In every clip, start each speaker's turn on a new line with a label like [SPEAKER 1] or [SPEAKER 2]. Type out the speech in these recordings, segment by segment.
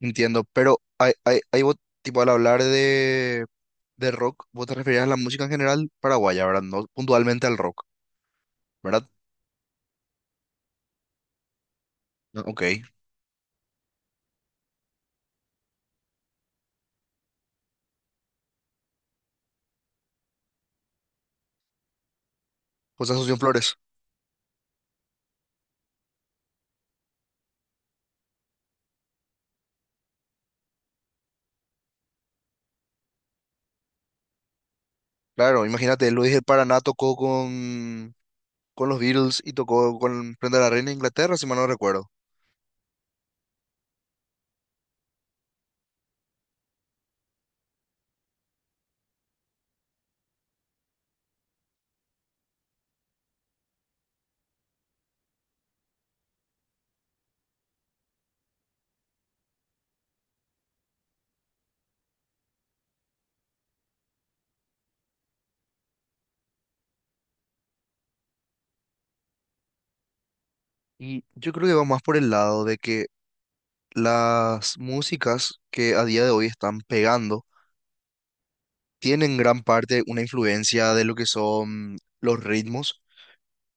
[SPEAKER 1] Entiendo, pero tipo, al hablar de rock, vos te referías a la música en general paraguaya, ¿verdad? No puntualmente al rock, ¿verdad? No, ok, pues Asunción Flores. Claro, imagínate, Luis del Paraná tocó con los Beatles y tocó con Prenda la Reina de Inglaterra, si mal no recuerdo. Y yo creo que va más por el lado de que las músicas que a día de hoy están pegando tienen gran parte una influencia de lo que son los ritmos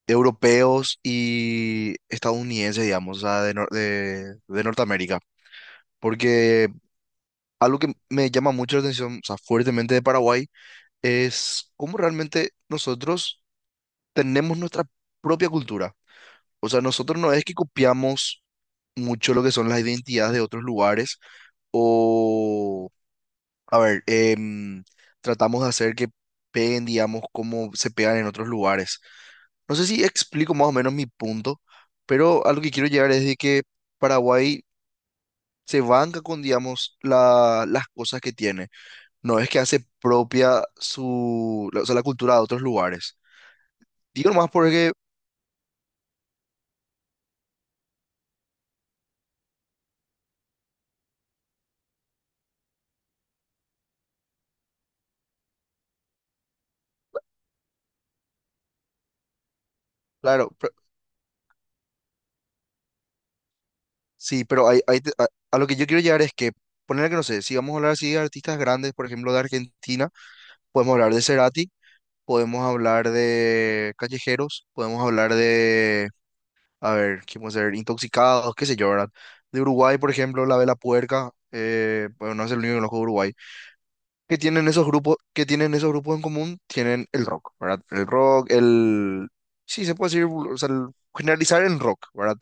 [SPEAKER 1] europeos y estadounidenses, digamos, o sea, de, Nor- de Norteamérica. Porque algo que me llama mucho la atención, o sea, fuertemente de Paraguay, es cómo realmente nosotros tenemos nuestra propia cultura. O sea, nosotros no es que copiamos mucho lo que son las identidades de otros lugares o a ver, tratamos de hacer que peguen, digamos, como se pegan en otros lugares. No sé si explico más o menos mi punto, pero a lo que quiero llegar es de que Paraguay se banca con, digamos, las cosas que tiene. No es que hace propia su, o sea, la cultura de otros lugares. Digo más porque, claro, sí, pero a lo que yo quiero llegar es que, ponerle que no sé, si vamos a hablar así de artistas grandes, por ejemplo, de Argentina, podemos hablar de Cerati, podemos hablar de callejeros, podemos hablar de, a ver, ¿qué podemos ser? Intoxicados, qué sé yo, ¿verdad? De Uruguay, por ejemplo, la Vela Puerca, bueno, no es el único que conozco de Uruguay. ¿Qué tienen esos grupos, qué tienen esos grupos en común? Tienen el rock, ¿verdad? Sí, se puede decir, o sea, generalizar en rock, ¿verdad?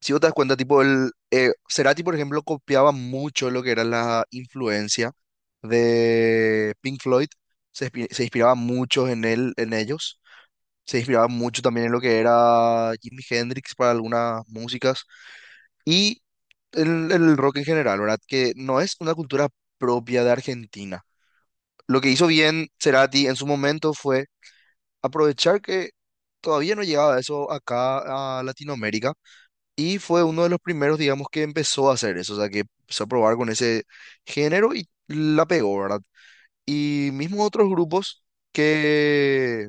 [SPEAKER 1] Si vos te das cuenta, tipo, Cerati, por ejemplo, copiaba mucho lo que era la influencia de Pink Floyd, se inspiraba mucho en él, en ellos, se inspiraba mucho también en lo que era Jimi Hendrix para algunas músicas y el rock en general, ¿verdad? Que no es una cultura propia de Argentina. Lo que hizo bien Cerati en su momento fue aprovechar que todavía no llegaba eso acá a Latinoamérica y fue uno de los primeros, digamos, que empezó a hacer eso, o sea, que empezó a probar con ese género y la pegó, ¿verdad? Y mismo otros grupos que,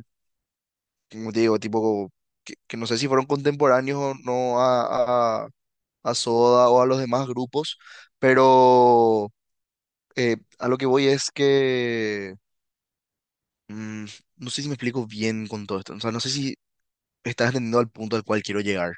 [SPEAKER 1] como te digo, tipo, que no sé si fueron contemporáneos o no a, a Soda o a los demás grupos, pero a lo que voy es que, mm, no sé si me explico bien con todo esto, o sea, no sé si estás entendiendo al punto al cual quiero llegar.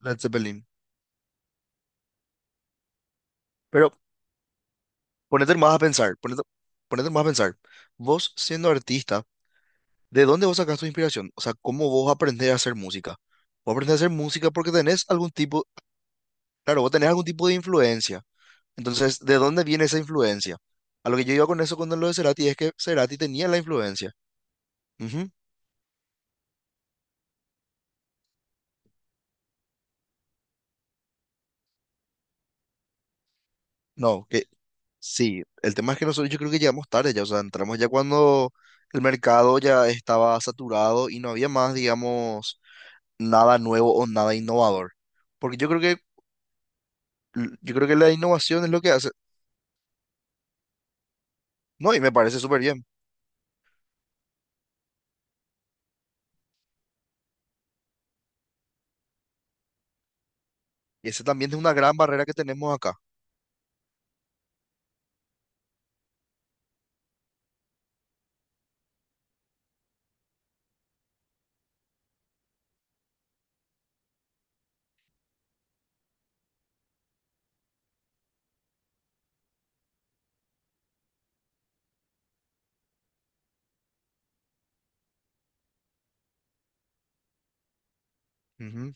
[SPEAKER 1] Led Zeppelin, pero ponete más a pensar, ponete más a pensar, vos siendo artista, ¿de dónde vos sacás tu inspiración? O sea, ¿cómo vos aprendés a hacer música? Vos aprendés a hacer música porque tenés algún tipo, claro, vos tenés algún tipo de influencia. Entonces, ¿de dónde viene esa influencia? A lo que yo iba con eso cuando lo de Cerati es que Cerati tenía la influencia. Ujú. No, que sí, el tema es que nosotros yo creo que llegamos tarde ya, o sea, entramos ya cuando el mercado ya estaba saturado y no había más, digamos, nada nuevo o nada innovador. Porque yo creo que la innovación es lo que hace. No, y me parece súper bien. Y esa también es una gran barrera que tenemos acá. Ujú,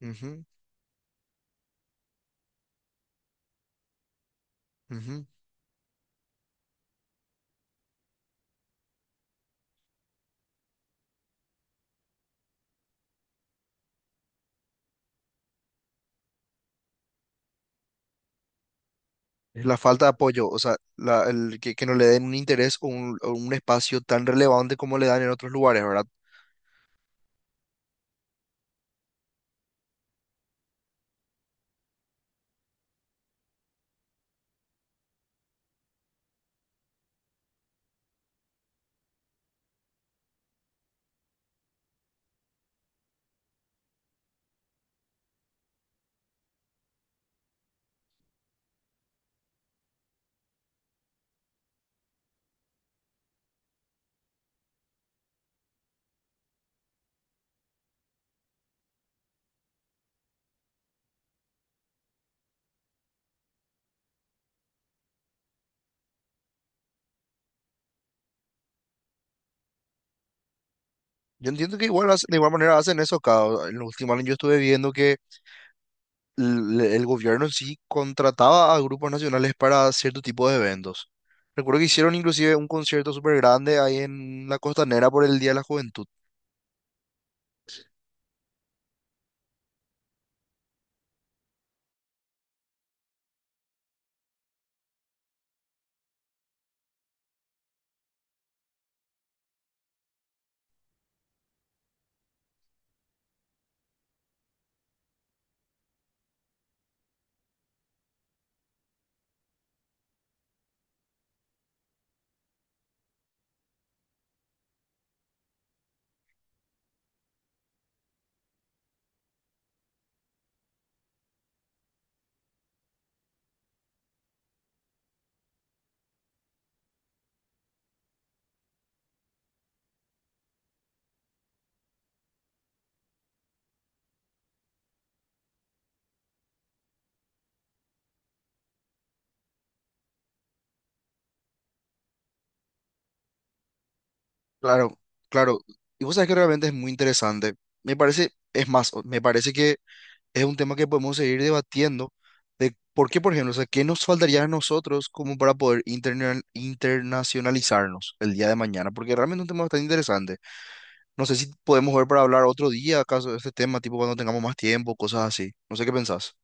[SPEAKER 1] ujú, ujú. Es la falta de apoyo, o sea, el que no le den un interés o un espacio tan relevante como le dan en otros lugares, ¿verdad? Yo entiendo que igual de igual manera hacen eso acá. O en los últimos años yo estuve viendo que el gobierno en sí contrataba a grupos nacionales para cierto tipo de eventos. Recuerdo que hicieron inclusive un concierto súper grande ahí en la Costanera por el Día de la Juventud. Claro, claro. Y vos sabés que realmente es muy interesante. Me parece, es más, me parece que es un tema que podemos seguir debatiendo de por qué, por ejemplo, o sea, qué nos faltaría a nosotros como para poder internacionalizarnos el día de mañana, porque realmente es un tema bastante interesante. No sé si podemos ver para hablar otro día acaso de este tema, tipo cuando tengamos más tiempo, cosas así. No sé qué pensás.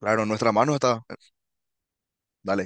[SPEAKER 1] Claro, en nuestra mano está. Dale.